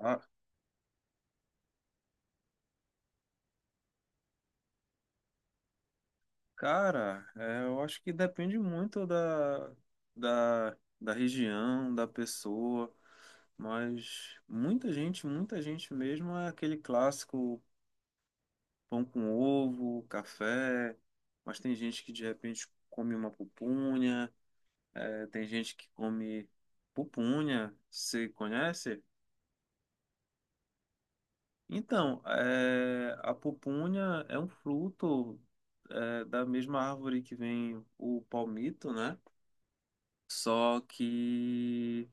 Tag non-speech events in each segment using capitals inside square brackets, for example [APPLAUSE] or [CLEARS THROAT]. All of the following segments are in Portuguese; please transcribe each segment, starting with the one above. Ah, cara, eu acho que depende muito da região, da pessoa, mas muita gente mesmo é aquele clássico pão com ovo, café, mas tem gente que de repente come uma pupunha, tem gente que come pupunha, você conhece? Então, a pupunha é um fruto, é da mesma árvore que vem o palmito, né? Só que,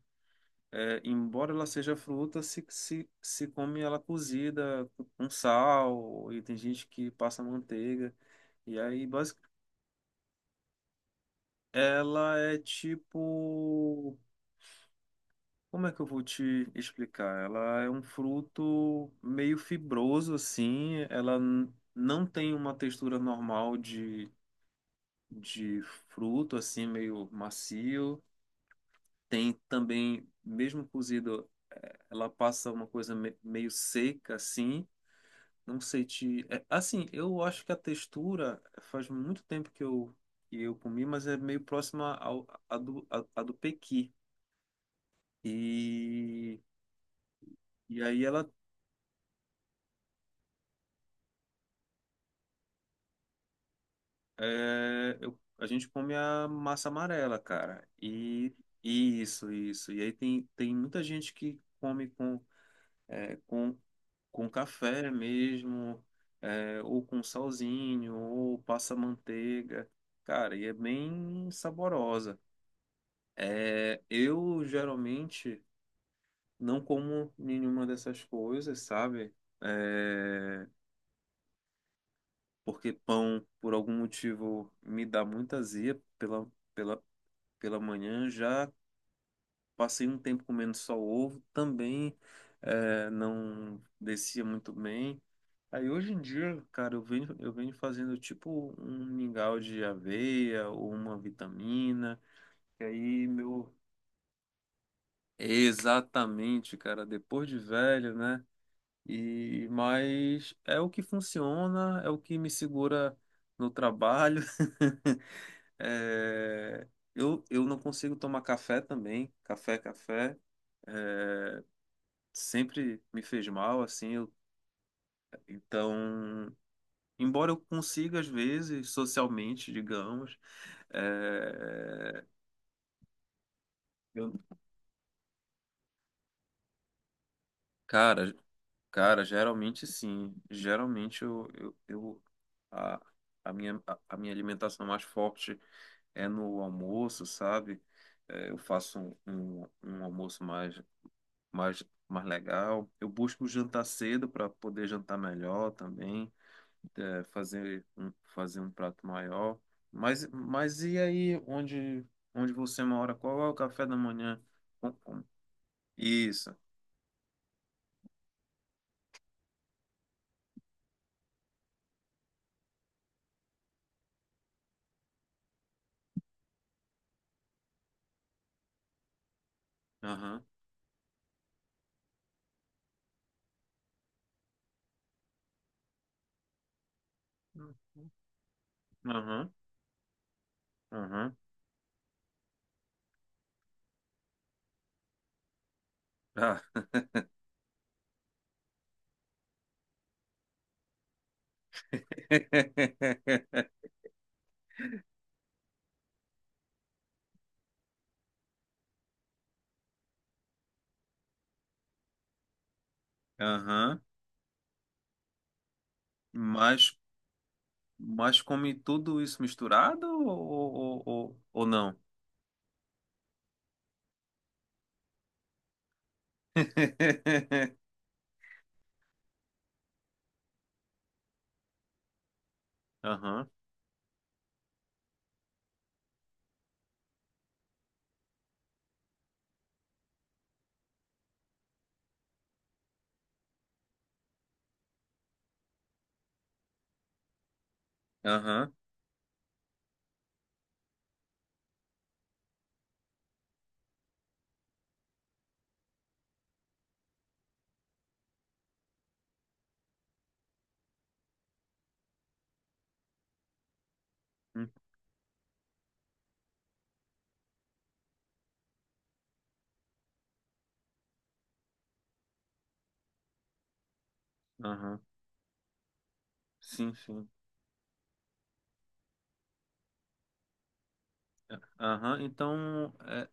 embora ela seja fruta, se come ela cozida com sal, e tem gente que passa manteiga. E aí, ela é tipo. Como é que eu vou te explicar? Ela é um fruto meio fibroso, assim. Não tem uma textura normal de fruto, assim, meio macio. Tem também, mesmo cozido. Ela passa uma coisa meio seca, assim. Não sei te. É, assim, eu acho que a textura faz muito tempo que eu comi, mas é meio próxima ao, a do pequi. E, e aí ela. É, a gente come a massa amarela, cara. E isso. E aí tem muita gente que come com. é, com, com café mesmo, é, ou com salzinho, ou passa manteiga. Cara, e é bem saborosa. É, eu geralmente não como nenhuma dessas coisas, sabe? É, porque pão, por algum motivo, me dá muita azia pela, pela manhã. Já passei um tempo comendo só ovo, também é, não descia muito bem. Aí hoje em dia, cara, eu venho fazendo tipo um mingau de aveia ou uma vitamina. E aí, meu. Exatamente, cara, depois de velho, né? E mas é o que funciona, é o que me segura no trabalho. [LAUGHS] É, eu não consigo tomar café também. Café sempre me fez mal, assim. Então embora eu consiga, às vezes, socialmente, digamos, é, eu- cara, cara, geralmente sim. Geralmente a, a minha alimentação mais forte é no almoço, sabe? É, eu faço um almoço mais, mais legal. Eu busco jantar cedo para poder jantar melhor também. É, fazer um prato maior. Mas e aí, onde você mora? Qual é o café da manhã? Com- com- Isso. Aham. Aham. Aham. Ah. [LAUGHS] Aham. Mas, mas come tudo isso misturado ou, ou não? [LAUGHS] Aham. Aham. Hum, aham. Sim, sim. Aham, então é,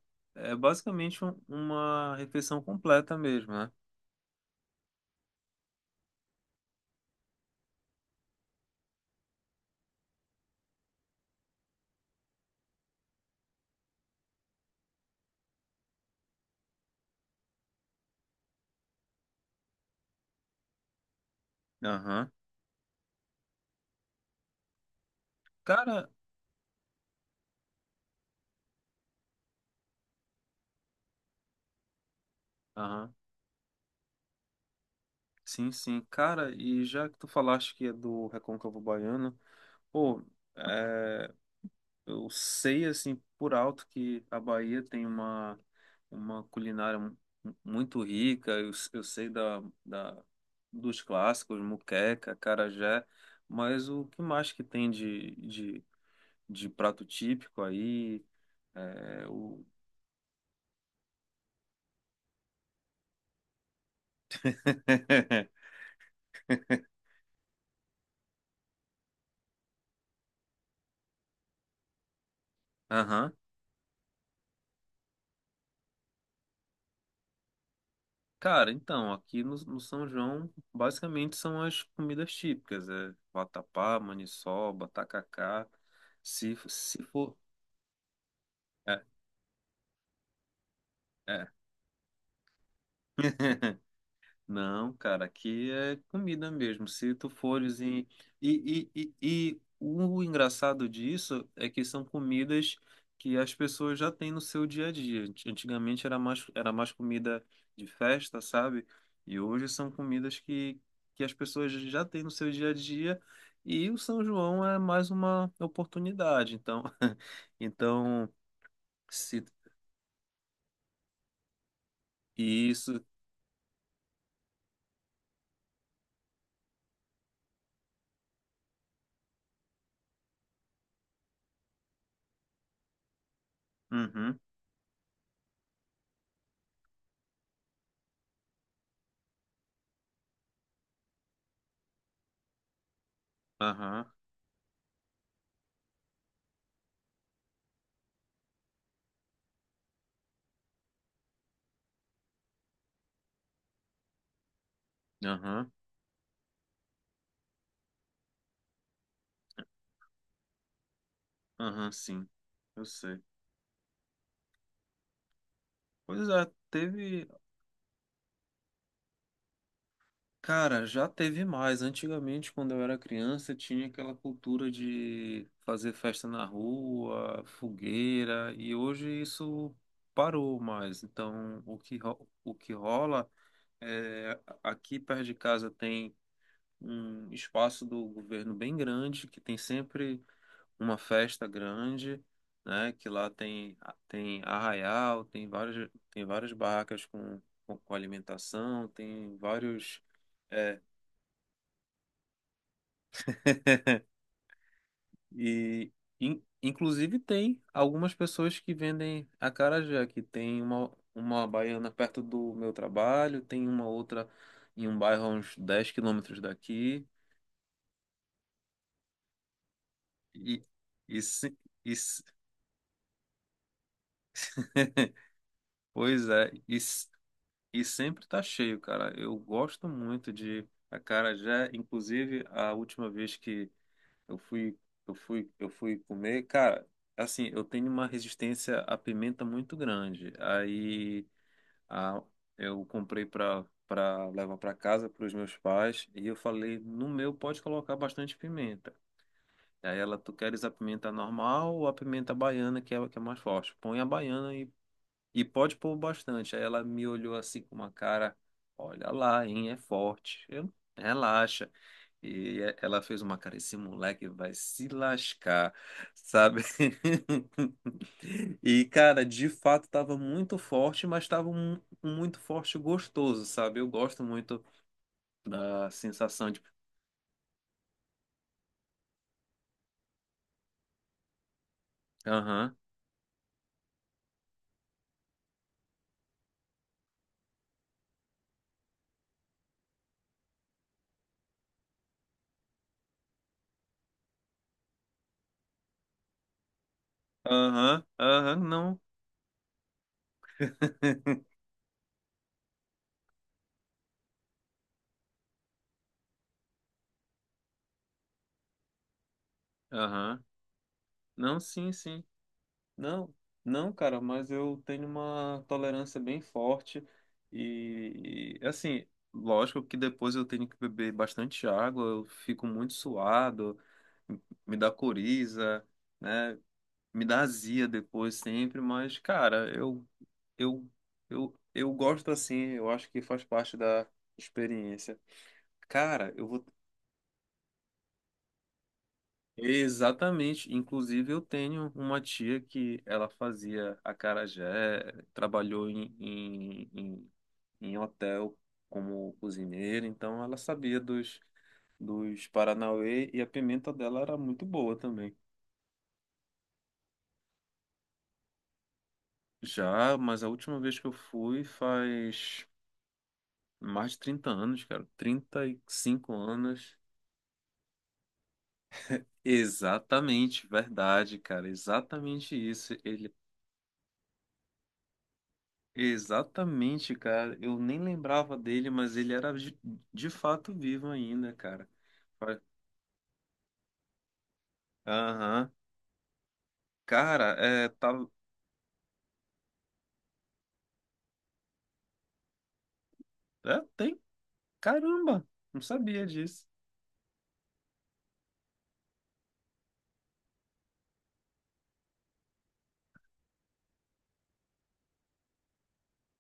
é basicamente uma refeição completa mesmo, né? Aham. Cara, aham. Sim, sim. Cara, e já que tu falaste que é do Recôncavo Baiano, pô, é, eu sei assim por alto que a Bahia tem uma culinária muito rica, eu sei dos clássicos, muqueca, acarajé, mas o que mais que tem de prato típico aí? É, o... [LAUGHS] Aham. Cara, então, aqui no, no São João, basicamente são as comidas típicas, é vatapá, maniçoba, tacacá, se for... É, é. [LAUGHS] Não, cara, aqui é comida mesmo. Se tu fores em. E o engraçado disso é que são comidas que as pessoas já têm no seu dia a dia. Antigamente era mais comida de festa, sabe? E hoje são comidas que as pessoas já têm no seu dia a dia. E o São João é mais uma oportunidade. Então, [LAUGHS] então se isso. Uhum, aham, aham, aham, sim. Eu sei. Pois é, teve. Cara, já teve mais. Antigamente, quando eu era criança, tinha aquela cultura de fazer festa na rua, fogueira, e hoje isso parou mais. Então, o que, o que rola é. Aqui perto de casa tem um espaço do governo bem grande, que tem sempre uma festa grande, né? Que lá tem, tem arraial, tem várias barracas com alimentação, tem vários. É, e inclusive tem algumas pessoas que vendem acarajé, que tem uma baiana perto do meu trabalho, tem uma outra em um bairro a uns 10 quilômetros daqui. E, e, se- e, se- [LAUGHS] pois é, e sempre tá cheio, cara. Eu gosto muito de acarajé. Inclusive, a última vez que eu fui, eu fui comer, cara, assim, eu tenho uma resistência à pimenta muito grande. Aí a, eu comprei pra, pra levar pra casa pros meus pais e eu falei, no meu pode colocar bastante pimenta. Aí ela, tu queres a pimenta normal ou a pimenta baiana, que é a que é mais forte? Põe a baiana e pode pôr bastante. Aí ela me olhou assim com uma cara, olha lá, hein, é forte. Eu, relaxa. E é, ela fez uma cara, esse moleque vai se lascar, sabe? [LAUGHS] E, cara, de fato tava muito forte, mas tava um muito forte e gostoso, sabe? Eu gosto muito da sensação de aham, aham, aham, não, aham, não, sim, sim. Não, não, cara, mas eu tenho uma tolerância bem forte e, assim, lógico que depois eu tenho que beber bastante água, eu fico muito suado, me dá coriza, né? Me dá azia depois sempre, mas cara, eu eu gosto assim, eu acho que faz parte da experiência. Cara, eu vou exatamente. Inclusive, eu tenho uma tia que ela fazia acarajé, trabalhou em hotel como cozinheira, então ela sabia dos Paranauê e a pimenta dela era muito boa também. Já, mas a última vez que eu fui faz mais de 30 anos, cara. 35 anos. Exatamente, verdade, cara. Exatamente isso. Ele exatamente, cara. Eu nem lembrava dele, mas ele era de fato vivo ainda, cara. Fa- Aham. Cara, é, tava. É, tem. Caramba, não sabia disso.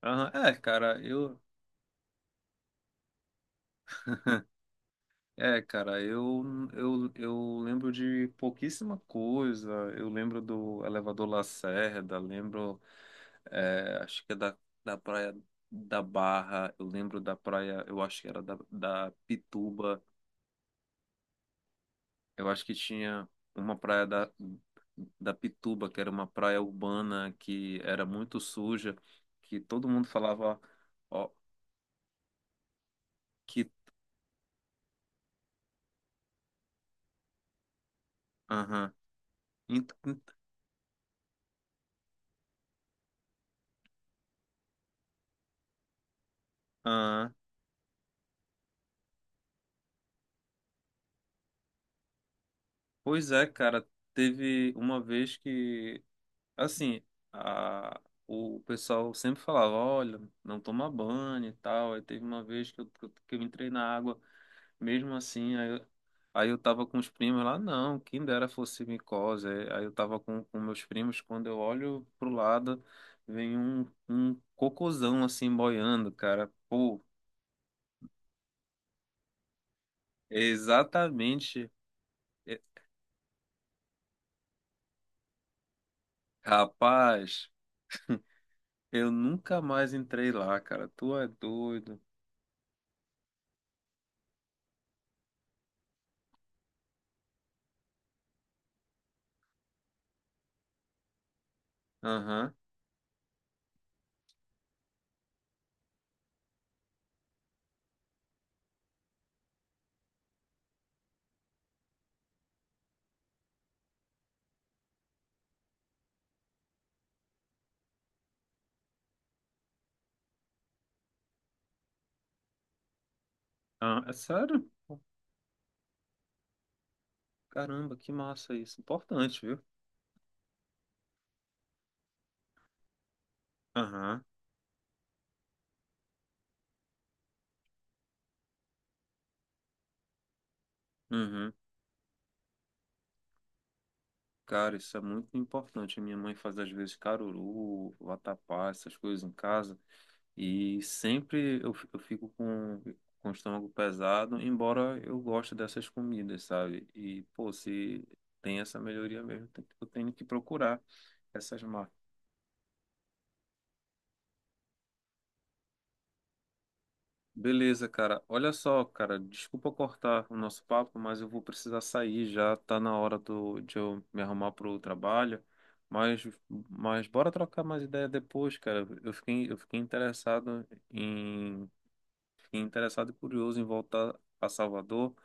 Aham. É, cara, eu. É, cara, eu lembro de pouquíssima coisa. Eu lembro do Elevador Lacerda, lembro, é, acho que é da Praia da Barra, eu lembro da praia, eu acho que era da Pituba. Eu acho que tinha uma praia da Pituba, que era uma praia urbana que era muito suja, que todo mundo falava, ó, que, aham, ent- ent- aham. Pois é, cara, teve uma vez que, assim, a, o pessoal sempre falava, olha, não toma banho e tal, aí teve uma vez que eu entrei na água, mesmo assim, aí, aí eu tava com os primos lá, não, quem dera fosse micose. Aí aí eu tava com meus primos, quando eu olho pro lado, vem um cocôzão assim boiando, cara. Pô, exatamente. É- Rapaz, eu nunca mais entrei lá, cara. Tu é doido. Aham. Ah, é sério? Caramba, que massa isso. Importante, viu? Aham. Uhum. Cara, isso é muito importante. A minha mãe faz às vezes caruru, vatapá, essas coisas em casa. E sempre eu, eu fico com o estômago pesado, embora eu goste dessas comidas, sabe? E, pô, se tem essa melhoria mesmo, eu tenho que procurar essas marcas. Beleza, cara. Olha só, cara, desculpa cortar o nosso papo, mas eu vou precisar sair já, tá na hora do, de eu me arrumar pro trabalho. Mas, mas bora trocar mais ideia depois, cara. Eu fiquei interessado em, fiquei interessado e curioso em voltar a Salvador.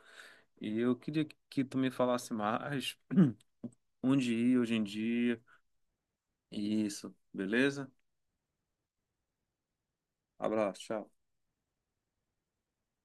E eu queria que tu me falasse mais [CLEARS THROAT] onde ir hoje em dia. Isso, beleza? Abraço, tchau.